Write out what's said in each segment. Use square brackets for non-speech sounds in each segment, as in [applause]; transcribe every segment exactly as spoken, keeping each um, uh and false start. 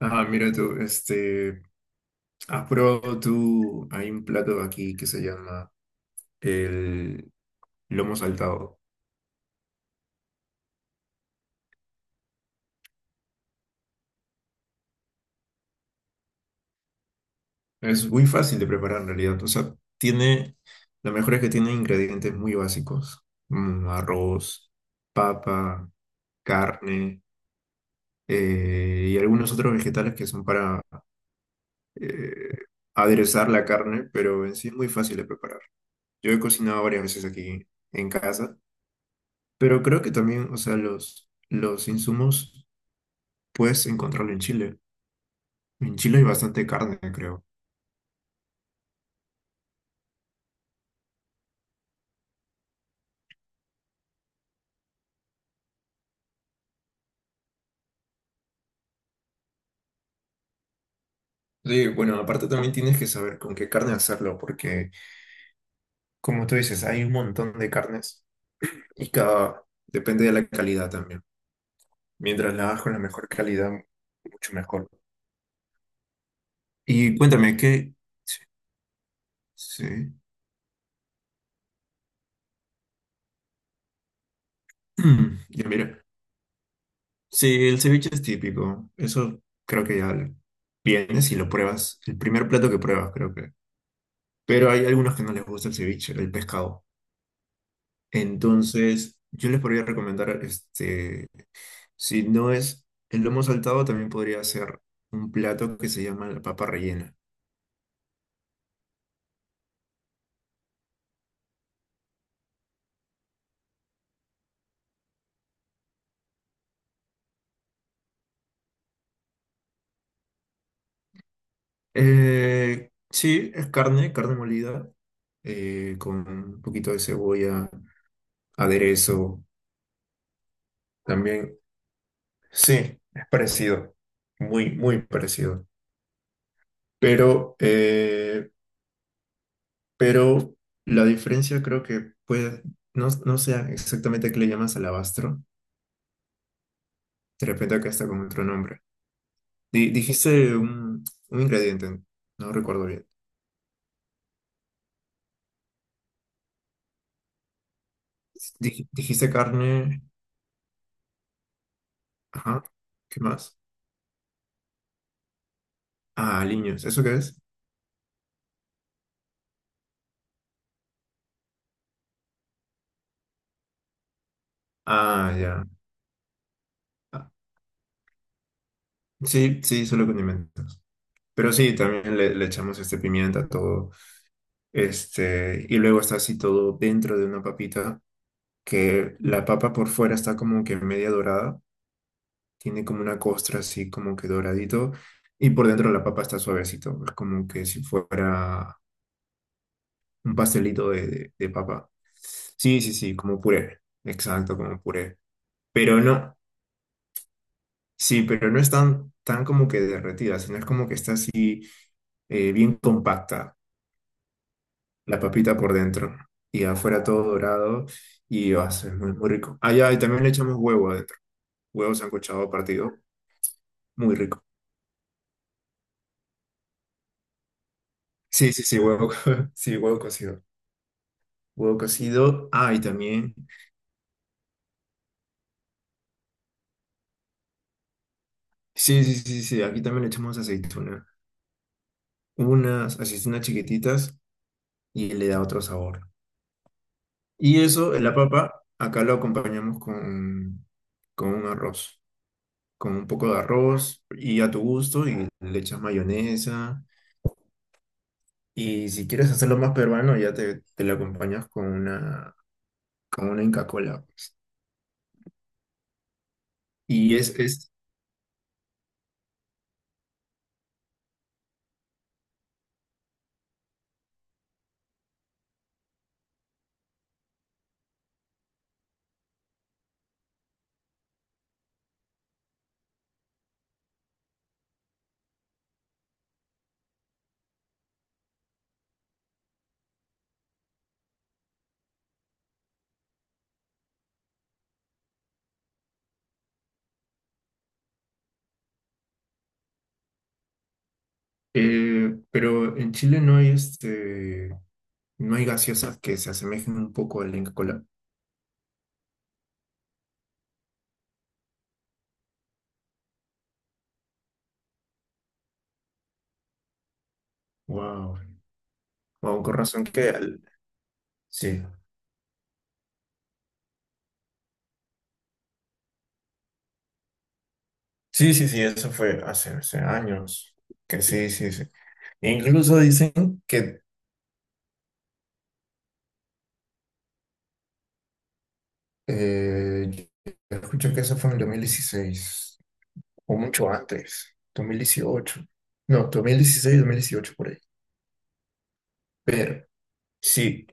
Ah, mira tú, este, ¿has probado tú? Hay un plato aquí que se llama el lomo saltado. Es muy fácil de preparar en realidad. O sea, tiene, lo mejor es que tiene ingredientes muy básicos. Mm, arroz, papa, carne eh, y algunos otros vegetales que son para eh, aderezar la carne, pero en sí es muy fácil de preparar. Yo he cocinado varias veces aquí en casa, pero creo que también, o sea, los, los insumos puedes encontrarlo en Chile. En Chile hay bastante carne, creo. Sí, bueno, aparte también tienes que saber con qué carne hacerlo, porque como tú dices, hay un montón de carnes y cada depende de la calidad también. Mientras la hagas con la mejor calidad, mucho mejor. Y cuéntame qué. Sí. [clears throat] Ya mira. Sí, el ceviche es típico. Eso creo que ya vienes y lo pruebas. El primer plato que pruebas, creo que. Pero hay algunos que no les gusta el ceviche, el pescado. Entonces, yo les podría recomendar, este, si no es el lomo saltado, también podría ser un plato que se llama la papa rellena. Eh, sí, es carne, carne molida, eh, con un poquito de cebolla, aderezo también. Sí, es parecido, muy, muy parecido. Pero, eh, pero la diferencia creo que puede, no, no sé exactamente a qué le llamas alabastro, de repente acá está con otro nombre. Di- dijiste un, un ingrediente, no recuerdo bien. Dij- dijiste carne, ajá, ¿qué más? Ah, aliños, ¿eso qué es? Ah, ya. Ah, sí, sí, solo condimentos. Pero sí, también le, le echamos este pimienta a todo. Este, y luego está así todo dentro de una papita, que la papa por fuera está como que media dorada, tiene como una costra así como que doradito, y por dentro la papa está suavecito, es como que si fuera un pastelito de, de, de papa. Sí, sí, sí, como puré. Exacto, como puré. Pero no, sí, pero no es tan, tan como que derretida, sino es como que está así eh, bien compacta. La papita por dentro y afuera todo dorado y va a ser muy, muy rico. Ah, ya, y también le echamos huevo adentro, huevo sancochado partido, muy rico. Sí, sí, sí, huevo, co- [laughs] sí, huevo cocido, huevo cocido, ah, y también, sí, sí, sí, sí, aquí también le echamos aceituna, unas aceitunas chiquititas y le da otro sabor. Y eso, la papa, acá lo acompañamos con, con un arroz, con un poco de arroz y a tu gusto y le echas mayonesa. Y si quieres hacerlo más peruano, ya te, te lo acompañas con una, con una Inca Kola, pues. Y es, es eh, pero en Chile no hay este, no hay gaseosas que se asemejen un poco a la Inca Kola. Wow. Wow, con razón que al- sí. Sí, sí, sí, eso fue hace, hace años. Que sí, sí, sí. E incluso dicen que eh, escucho que eso fue en el dos mil dieciséis, o mucho antes, dos mil dieciocho. No, dos mil dieciséis, dos mil dieciocho por ahí. Pero sí,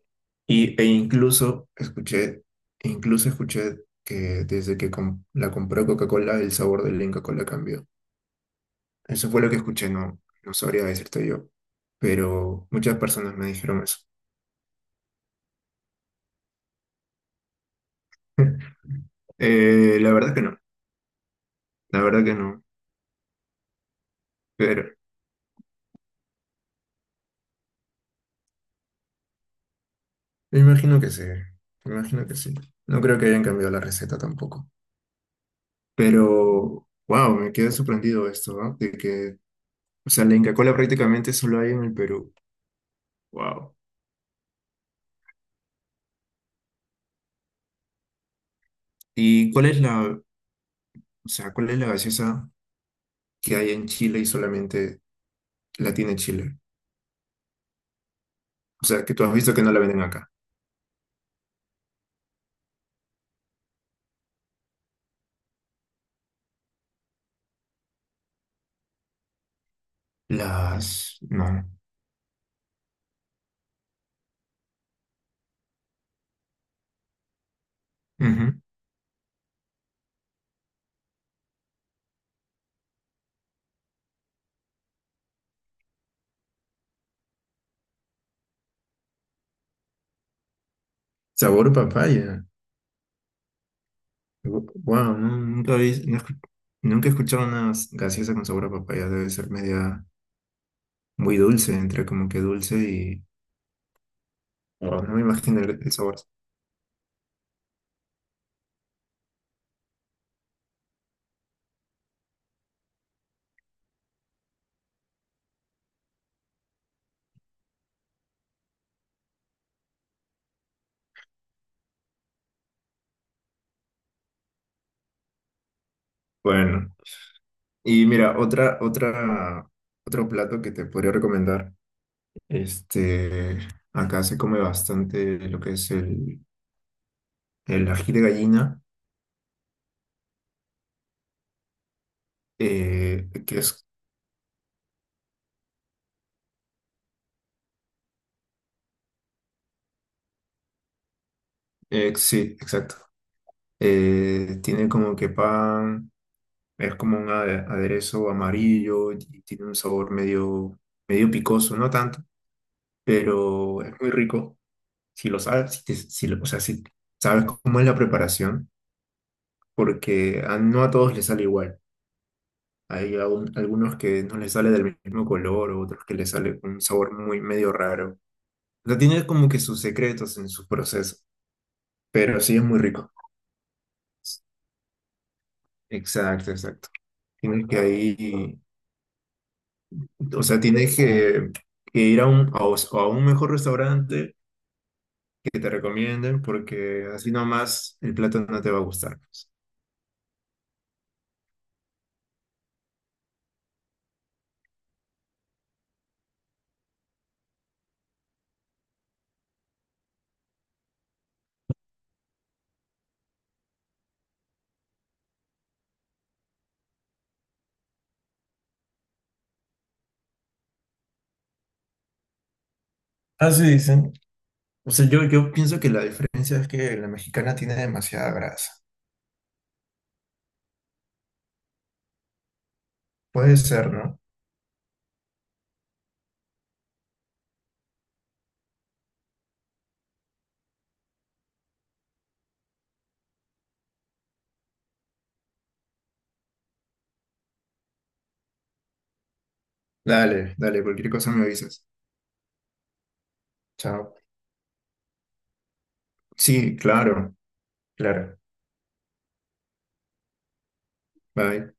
y, e incluso escuché, incluso escuché que desde que com- la compró Coca-Cola, el sabor del Inca-Cola cambió. Eso fue lo que escuché, no, no sabría decirte yo, pero muchas personas me dijeron eso. [laughs] Eh, la verdad que no, la verdad que no, pero me imagino que sí, me imagino que sí. No creo que hayan cambiado la receta tampoco. Pero, wow, me quedé sorprendido esto, ¿ah? De que, o sea, la Inca Kola prácticamente solo hay en el Perú. Wow. ¿Y cuál es la, o sea, cuál es la gaseosa que hay en Chile y solamente la tiene Chile? O sea, que tú has visto que no la venden acá. Las, no. Ujú. Sabor papaya. Wow, nunca habéis- no escu- nunca he escuchado una gaseosa con sabor a papaya. Debe ser media muy dulce, entre como que dulce y guau, no me imagino el, el sabor. Bueno, y mira, otra, otra, otro plato que te podría recomendar. Este, acá se come bastante lo que es el el ají de gallina, eh, que es, eh, sí, exacto. Eh, tiene como que pan, es como un ade- aderezo amarillo y tiene un sabor medio, medio picoso, no tanto, pero es muy rico. Si lo sabes, si, te- si lo- o sea, si sabes cómo es la preparación, porque a- no a todos les sale igual. Hay aún- algunos que no les sale del mismo color, otros que les sale un sabor muy medio raro. O sea, tiene como que sus secretos en su proceso, pero sí es muy rico. Exacto, exacto. Tienes que ahí, o sea, tienes que, que ir a un, a, os- a un mejor restaurante que te recomienden porque así nomás el plato no te va a gustar, pues. Así dicen. O sea, yo, yo pienso que la diferencia es que la mexicana tiene demasiada grasa. Puede ser, ¿no? Dale, dale, cualquier cosa me avisas. Chao. Sí, claro, claro. Bye.